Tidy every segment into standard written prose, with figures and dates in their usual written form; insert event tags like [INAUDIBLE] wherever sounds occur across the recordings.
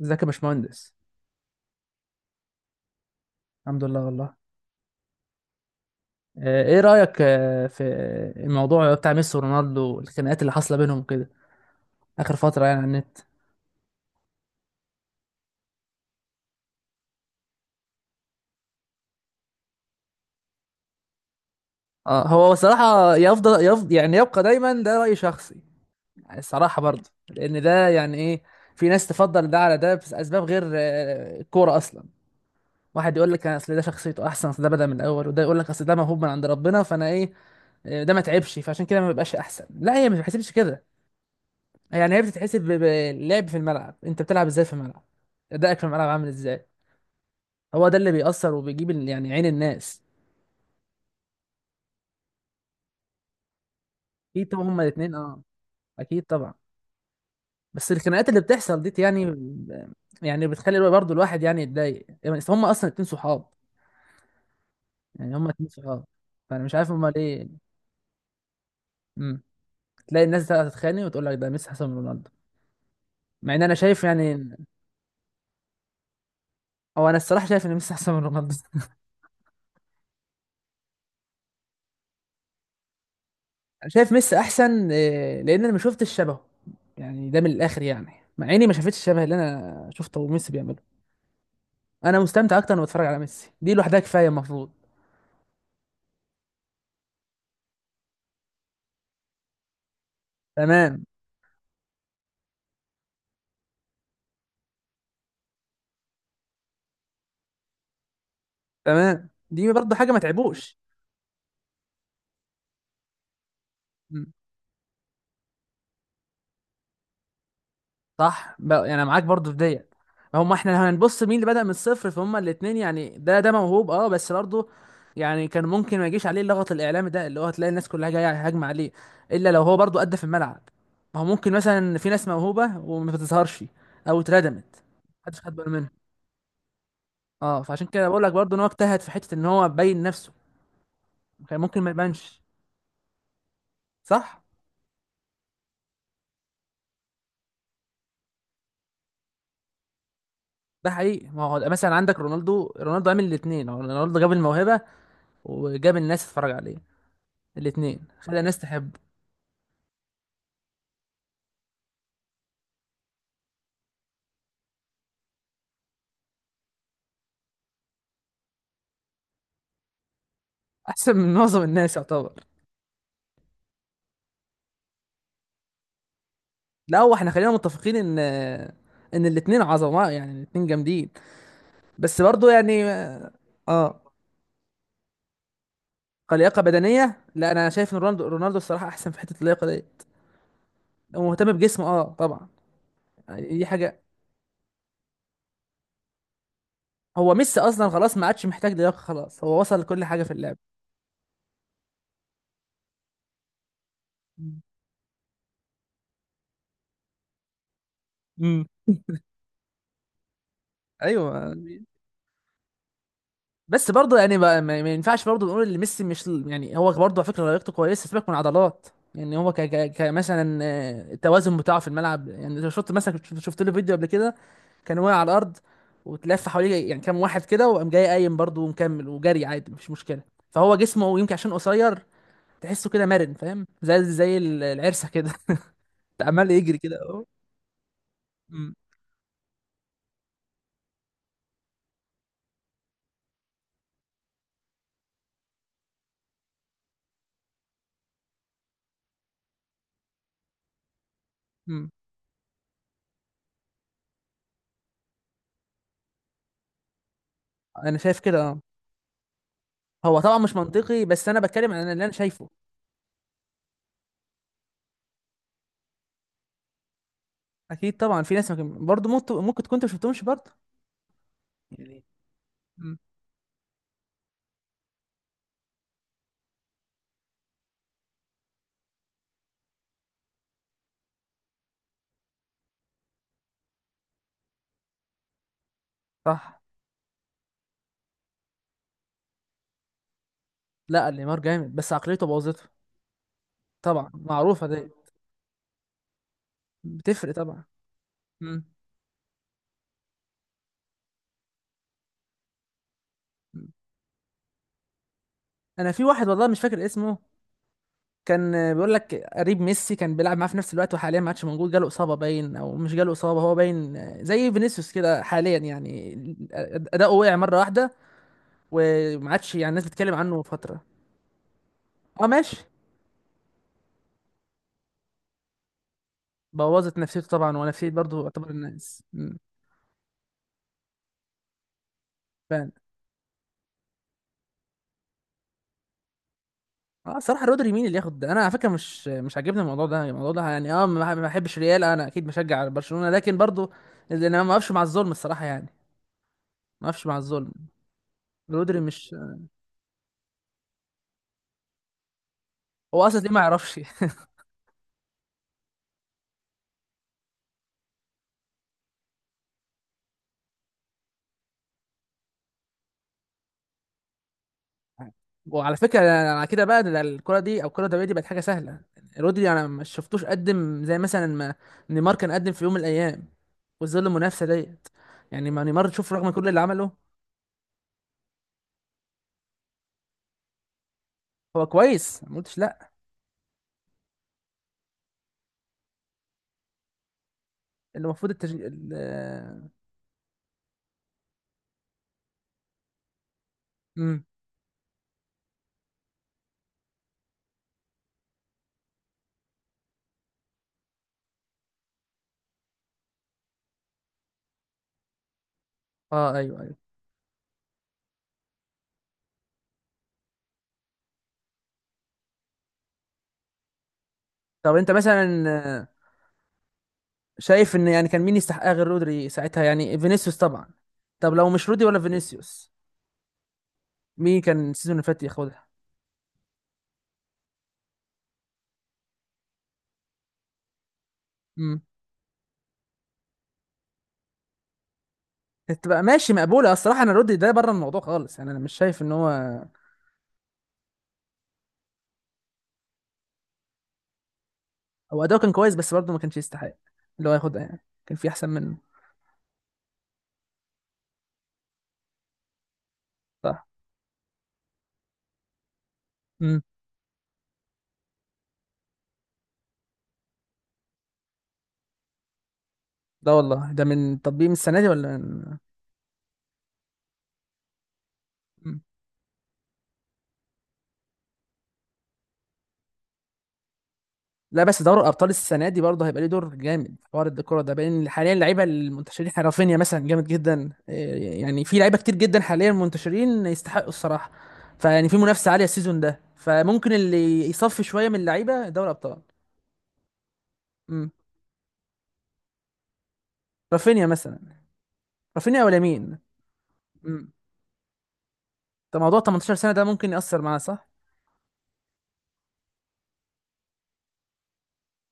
ازيك يا باشمهندس؟ الحمد لله والله. ايه رأيك في الموضوع بتاع ميسي ورونالدو، الخناقات اللي حاصلة بينهم كده آخر فترة على النت؟ اه، هو صراحة يفضل، يبقى دايما ده رأي شخصي. الصراحة برضه، لأن ده يعني ايه في ناس تفضل ده على ده، بس أسباب غير الكورة أصلا. واحد يقول لك أصل ده شخصيته أحسن، أصل ده بدأ من الأول، وده يقول لك أصل ده موهوب من عند ربنا. فأنا ايه، ده ما تعبش، فعشان كده ما بيبقاش أحسن. لا، هي ما بتحسبش كده. هي بتتحسب باللعب في الملعب. انت بتلعب ازاي في الملعب، ادائك في الملعب عامل ازاي، هو ده اللي بيأثر وبيجيب عين الناس. اكيد طبعا، هما الاثنين اه، اكيد طبعا. بس الخناقات اللي بتحصل دي، بتخلي برضه الواحد يتضايق، يعني بس هما اصلا اتنين صحاب، هما اتنين صحاب. فانا مش عارف هما ليه. امم. تلاقي الناس بقى تتخانق وتقول لك ده ميسي احسن من رونالدو، مع ان انا شايف هو، انا الصراحه شايف ان ميسي احسن من رونالدو. شايف ميسي احسن لان انا ما شفتش شبهه، ده من الاخر مع اني ما شافتش الشبه اللي انا شفته ميسي بيعمله. انا مستمتع اكتر وانا بتفرج على ميسي، دي لوحدها كفايه المفروض. تمام. تمام، دي برضه حاجه ما تعبوش. صح، انا معاك برضو في ديت. هم احنا لو هنبص مين اللي بدأ من الصفر، فهم الاثنين، ده ده موهوب اه، بس برضه كان ممكن ما يجيش عليه اللغط الاعلامي ده، اللي هو هتلاقي الناس كلها جايه هاجمه عليه الا لو هو برضه ادى في الملعب. ما هو ممكن مثلا في ناس موهوبه وما بتظهرش، او اتردمت، محدش خد باله منها. اه، فعشان كده بقول لك برضه ان هو اجتهد في حته ان هو يبين نفسه. كان ممكن ما يبانش. صح. ده حقيقي، ما هو مثلا عندك رونالدو، رونالدو عامل الاثنين، رونالدو جاب الموهبه وجاب الناس تتفرج عليه، الاثنين خلى الناس تحبه. احسن من معظم الناس يعتبر. لا هو احنا خلينا متفقين ان، ان الاثنين عظماء، الاثنين جامدين، بس برضه يعني. اه. كلياقه بدنيه، لا انا شايف ان رونالدو الصراحه احسن في حته اللياقه ديت. هو مهتم بجسمه اه طبعا. دي حاجه. هو ميسي اصلا خلاص ما عادش محتاج لياقه، خلاص هو وصل لكل حاجه في اللعب. امم. ايوه. بس برضه ما ينفعش برضه نقول ان ميسي مش هو برضه على فكره لياقته كويسه، سيبك من عضلات. هو مثلا التوازن بتاعه في الملعب. لو شفت مثلا، شفت له فيديو قبل كده كان واقع على الارض وتلف حواليه كام واحد كده، وقام جاي قايم برضه ومكمل وجري عادي، مش مشكله. فهو جسمه يمكن عشان قصير، تحسه كده مرن، فاهم؟ زي العرسه كده. [LAUGHS] عمال يجري كده اهو. أمم، أمم. انا شايف كده اه. هو طبعا مش منطقي، بس انا بتكلم عن اللي انا شايفه. اكيد طبعا في ناس، ممكن برضه، ممكن تكون انت ما شفتهمش برضه. يعني مم. صح. لا نيمار جامد بس عقليته بوظته. طبعا معروفه دي، بتفرق طبعا. مم. مم. انا في واحد والله مش فاكر اسمه، كان بيقول لك قريب ميسي، كان بيلعب معاه في نفس الوقت، وحاليا ما عادش موجود، جاله اصابه باين، او مش جاله اصابه هو باين، زي فينيسيوس كده حاليا. اداؤه وقع مره واحده وما عادش الناس بتتكلم عنه فتره. اه ماشي. بوظت نفسيته طبعا، ونفسيه برضه يعتبر الناس. اه صراحة رودري، مين اللي ياخد ده؟ انا على فكرة مش عاجبني الموضوع ده. الموضوع ده اه، ما بحبش ريال، انا اكيد بشجع برشلونة، لكن برضو اللي انا ما اقفش مع الظلم الصراحة، ما اقفش مع الظلم. رودري مش، هو اصلا ليه؟ ما يعرفش. [LAUGHS] وعلى فكرة انا على كده بقى، ده الكرة دي، او الكرة الدولية دي بقت حاجة سهلة. رودري انا ما شفتوش قدم زي مثلا ما نيمار كان قدم في يوم من الايام، وظل المنافسة ديت. ما نيمار تشوف رغم كل اللي عمله. هو كويس ما قلتش لا، اللي المفروض التشجيع امم. اه ايوه ايوه. طب انت مثلا شايف ان كان مين يستحقها غير رودري ساعتها؟ فينيسيوس طبعا. طب لو مش رودي ولا فينيسيوس، مين كان السيزون اللي فات ياخدها؟ امم. تبقى ماشي مقبوله. الصراحه انا رودي ده بره الموضوع خالص، انا مش شايف ان هو، هو اداؤه كان كويس بس برضه ما كانش يستحق اللي هو ياخدها، يعني كان في احسن منه. صح. امم. لا والله ده من تطبيق، من السنه دي، ولا من... امم. لا بس دوري الابطال السنه دي برضه هيبقى ليه دور جامد في حوار الكوره ده، بين حاليا اللعيبه المنتشرين. احنا رافينيا مثلا جامد جدا، إيه، يعني في لعيبه كتير جدا حاليا منتشرين يستحقوا الصراحه. فيعني في منافسه عاليه السيزون ده، فممكن اللي يصفي شويه من اللعيبه دوري ابطال. امم. رافينيا مثلا. رافينيا ولا مين. امم. ده موضوع 18 سنه، ده ممكن ياثر معاه صح.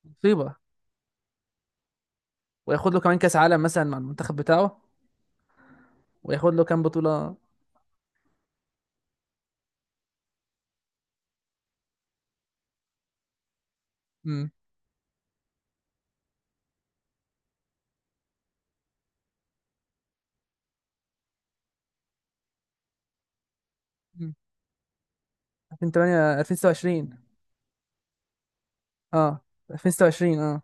مصيبه. وياخد له كمان كاس عالم مثلا مع المنتخب بتاعه. وياخد له كام بطوله. امم. 2008، 2026 اه، 2026 اه.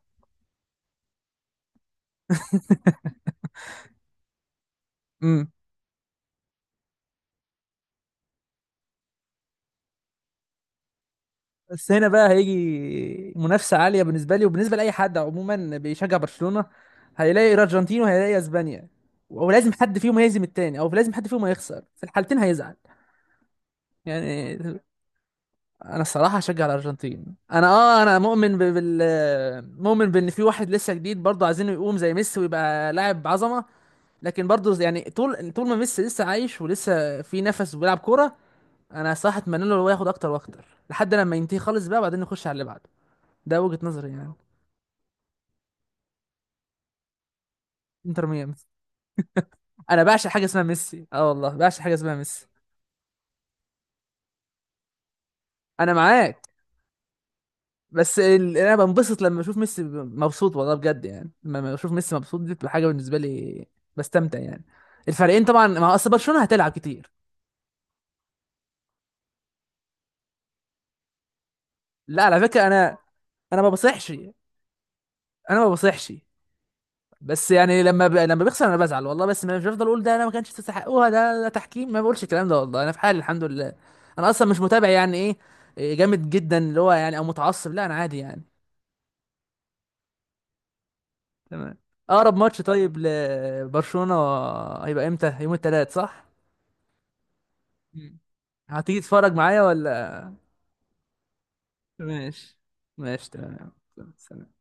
امم. بس هنا بقى هيجي منافسة عالية بالنسبة لي، وبالنسبة لأي حد عموما بيشجع برشلونة. هيلاقي الأرجنتين وهيلاقي أسبانيا، ولازم حد فيهم هيهزم التاني، أو لازم حد فيهم هيخسر، في الحالتين هيزعل. يعني أنا الصراحة هشجع الأرجنتين. أنا أه، أنا مؤمن بال مؤمن بإن في واحد لسه جديد برضه عايزينه يقوم زي ميسي ويبقى لاعب عظمة. لكن برضه طول ما ميسي لسه عايش ولسه في نفس وبيلعب كورة، أنا صراحة أتمنى له هو ياخد أكتر وأكتر لحد لما ينتهي خالص بقى، وبعدين نخش على اللي بعده. ده وجهة نظري يعني. انتر ميامي. انا بعشق حاجه اسمها ميسي، اه والله بعشق حاجه اسمها ميسي. انا معاك، بس انا بنبسط لما اشوف ميسي مبسوط، والله بجد. لما اشوف ميسي مبسوط دي بتبقى حاجه بالنسبه لي، بستمتع يعني. الفريقين طبعا، ما اصل برشلونه هتلعب كتير. لا على فكره انا، انا ما بصيحش انا ما بصيحش. بس لما ب... لما بيخسر انا بزعل والله، بس مش بفضل اقول ده انا ما كانش تستحقوها، ده ده تحكيم، ما بقولش الكلام ده والله. انا في حالي الحمد لله، انا اصلا مش متابع ايه، إيه جامد جدا اللي هو يعني، او متعصب. لا انا عادي يعني. تمام. اقرب ماتش طيب لبرشلونة هيبقى امتى؟ يوم الثلاث صح؟ مم. هتيجي تتفرج معايا ولا؟ ماشي. ماشي تمام. سلام.